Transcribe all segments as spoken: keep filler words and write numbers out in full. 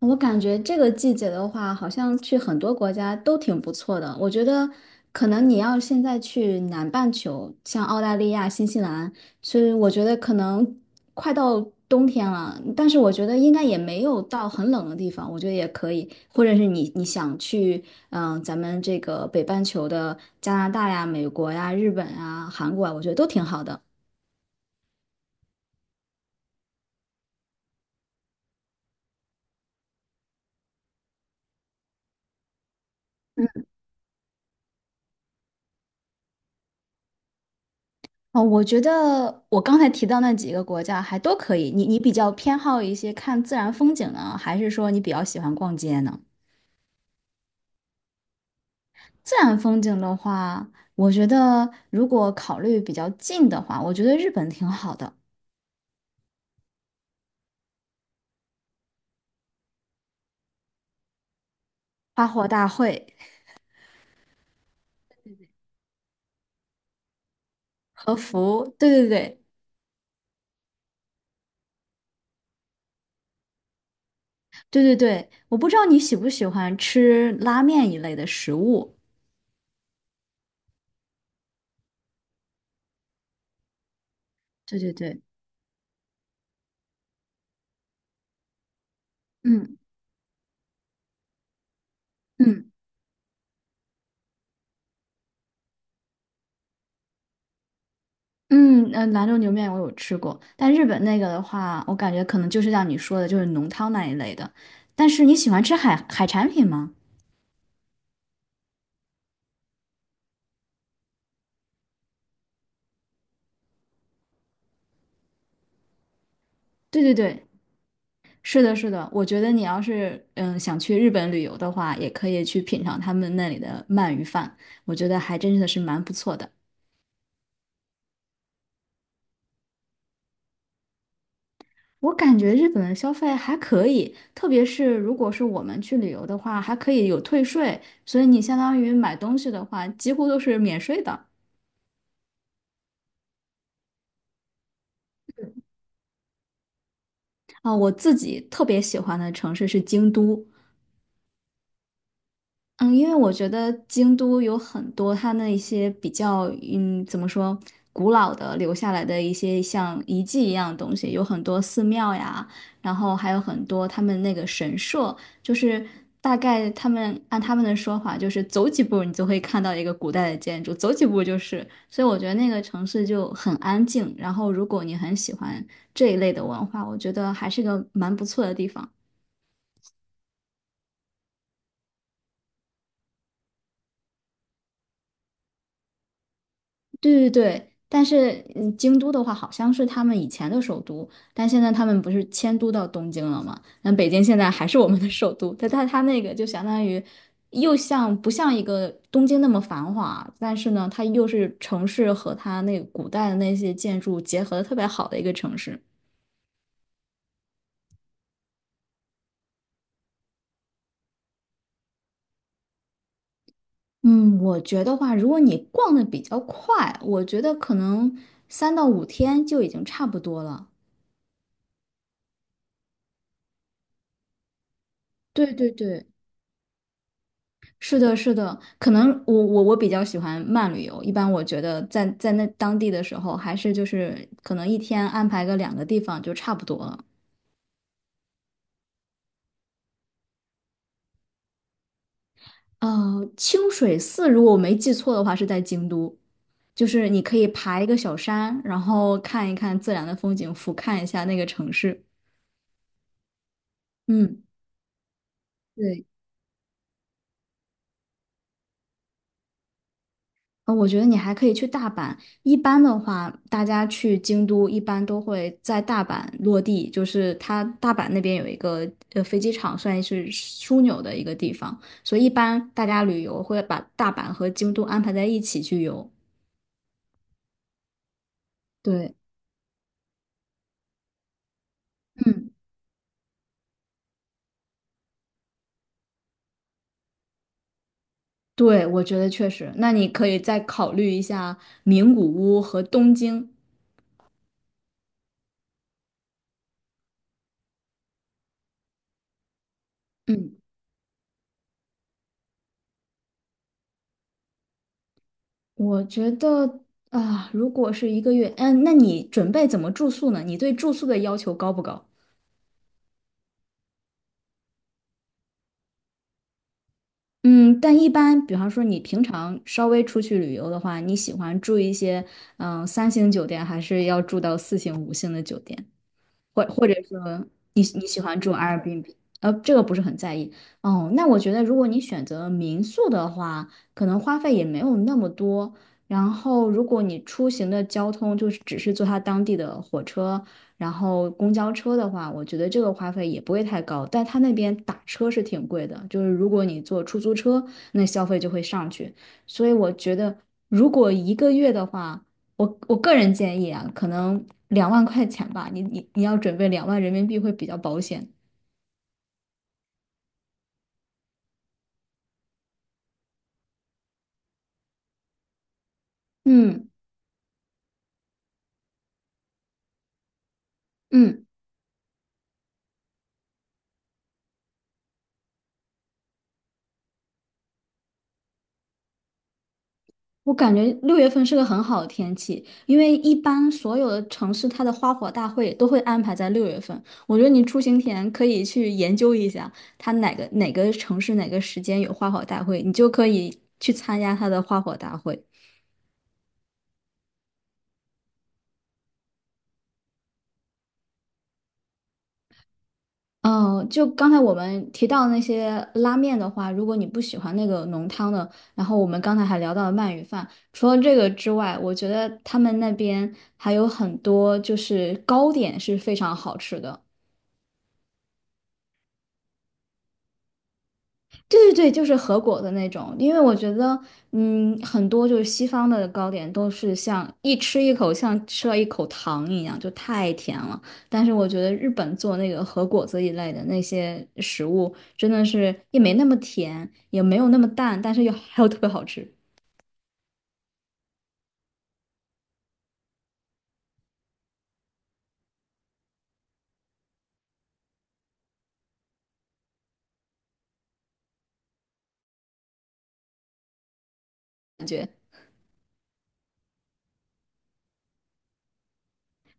我感觉这个季节的话，好像去很多国家都挺不错的。我觉得，可能你要现在去南半球，像澳大利亚、新西兰，所以我觉得可能快到冬天了，但是我觉得应该也没有到很冷的地方，我觉得也可以。或者是你你想去，嗯、咱们这个北半球的加拿大呀、美国呀、日本啊、韩国啊，我觉得都挺好的。哦，我觉得我刚才提到那几个国家还都可以。你你比较偏好一些看自然风景呢，还是说你比较喜欢逛街呢？自然风景的话，我觉得如果考虑比较近的话，我觉得日本挺好的，花火大会、和服，对对对对对对。我不知道你喜不喜欢吃拉面一类的食物。对对对，嗯嗯。嗯，呃，兰州牛面我有吃过，但日本那个的话，我感觉可能就是像你说的，就是浓汤那一类的。但是你喜欢吃海海产品吗？对对对，是的，是的。我觉得你要是嗯想去日本旅游的话，也可以去品尝他们那里的鳗鱼饭，我觉得还真的是蛮不错的。我感觉日本的消费还可以，特别是如果是我们去旅游的话，还可以有退税，所以你相当于买东西的话，几乎都是免税的。啊，我自己特别喜欢的城市是京都。嗯，因为我觉得京都有很多它那一些比较，嗯，怎么说，古老的留下来的一些像遗迹一样的东西，有很多寺庙呀，然后还有很多他们那个神社，就是大概他们按他们的说法，就是走几步你就会看到一个古代的建筑，走几步就是，所以我觉得那个城市就很安静。然后如果你很喜欢这一类的文化，我觉得还是个蛮不错的地方。对对对，但是嗯京都的话好像是他们以前的首都，但现在他们不是迁都到东京了吗？那北京现在还是我们的首都，但它它那个就相当于又像不像一个东京那么繁华，但是呢，它又是城市和它那个古代的那些建筑结合的特别好的一个城市。嗯，我觉得话，如果你逛的比较快，我觉得可能三到五天就已经差不多了。对对对。是的，是的，可能我我我比较喜欢慢旅游。一般我觉得在在那当地的时候，还是就是可能一天安排个两个地方就差不多了。呃，清水寺如果我没记错的话是在京都，就是你可以爬一个小山，然后看一看自然的风景，俯瞰一下那个城市。嗯，对。呃，我觉得你还可以去大阪。一般的话，大家去京都一般都会在大阪落地，就是它大阪那边有一个呃飞机场，算是枢纽的一个地方，所以一般大家旅游会把大阪和京都安排在一起去游。对，嗯，对，我觉得确实。那你可以再考虑一下名古屋和东京。嗯，我觉得啊，如果是一个月，嗯，那你准备怎么住宿呢？你对住宿的要求高不高？嗯，但一般，比方说你平常稍微出去旅游的话，你喜欢住一些嗯呃三星酒店，还是要住到四星、五星的酒店？或或者说你你喜欢住 Airbnb，呃，这个不是很在意哦。那我觉得，如果你选择民宿的话，可能花费也没有那么多。然后，如果你出行的交通就是只是坐它当地的火车，然后公交车的话，我觉得这个花费也不会太高。但它那边打车是挺贵的，就是如果你坐出租车，那消费就会上去。所以我觉得，如果一个月的话，我我个人建议啊，可能两万块钱吧，你你你要准备两万人民币会比较保险。嗯嗯我感觉六月份是个很好的天气，因为一般所有的城市它的花火大会都会安排在六月份。我觉得你出行前可以去研究一下，它哪个哪个城市哪个时间有花火大会，你就可以去参加它的花火大会。嗯，就刚才我们提到那些拉面的话，如果你不喜欢那个浓汤的，然后我们刚才还聊到了鳗鱼饭，除了这个之外，我觉得他们那边还有很多就是糕点是非常好吃的。对对对，就是和果的那种，因为我觉得，嗯，很多就是西方的糕点都是像一吃一口像吃了一口糖一样，就太甜了。但是我觉得日本做那个和果子一类的那些食物，真的是也没那么甜，也没有那么淡，但是又还有特别好吃。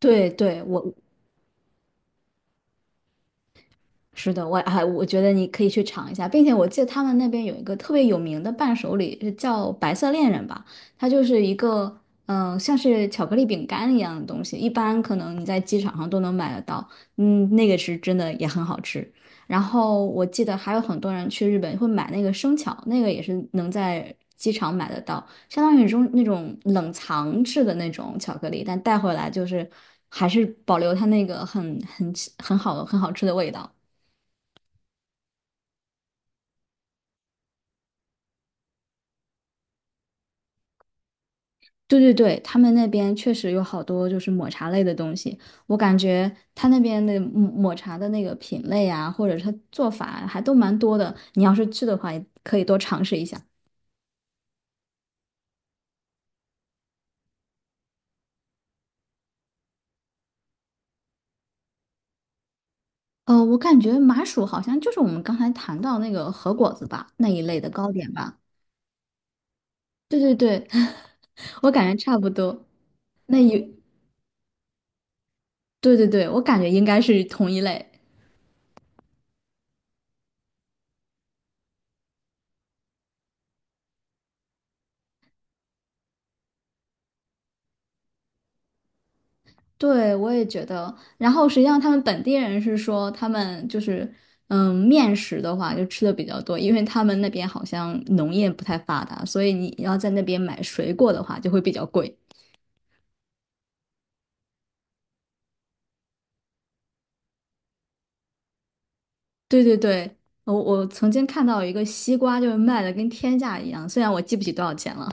对对，我是的，我还我觉得你可以去尝一下，并且我记得他们那边有一个特别有名的伴手礼，是叫白色恋人吧，它就是一个嗯、呃像是巧克力饼干一样的东西，一般可能你在机场上都能买得到，嗯，那个是真的也很好吃。然后我记得还有很多人去日本会买那个生巧，那个也是能在机场买得到，相当于中那种冷藏制的那种巧克力，但带回来就是还是保留它那个很很很好很好吃的味道。对对对，他们那边确实有好多就是抹茶类的东西，我感觉他那边的抹抹茶的那个品类啊，或者是它做法还都蛮多的。你要是去的话，也可以多尝试一下。呃，我感觉麻薯好像就是我们刚才谈到那个和果子吧，那一类的糕点吧。对对对，我感觉差不多。那有，对对对，我感觉应该是同一类。对，我也觉得。然后实际上，他们本地人是说，他们就是，嗯，面食的话就吃的比较多，因为他们那边好像农业不太发达，所以你要在那边买水果的话就会比较贵。对对对，我我曾经看到有一个西瓜就是卖的跟天价一样，虽然我记不起多少钱了。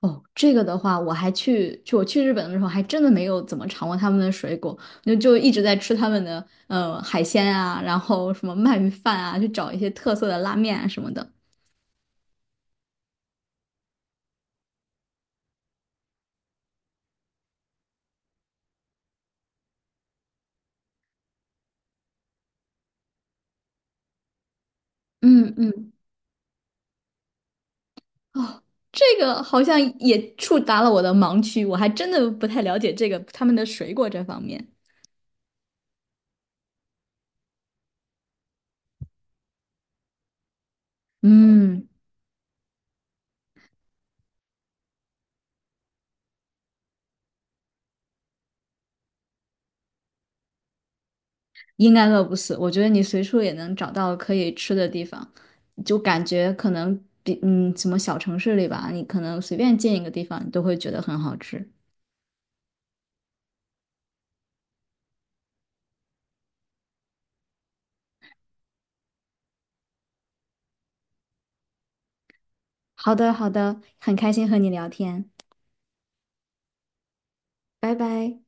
哦，这个的话，我还去就我去日本的时候，还真的没有怎么尝过他们的水果，就就一直在吃他们的呃海鲜啊，然后什么鳗鱼饭啊，去找一些特色的拉面啊什么的。嗯嗯，哦，这个好像也触达了我的盲区，我还真的不太了解这个他们的水果这方面。嗯，应该饿不死，我觉得你随处也能找到可以吃的地方，就感觉可能比嗯什么小城市里吧，你可能随便进一个地方，你都会觉得很好吃。好的，好的，很开心和你聊天，拜拜。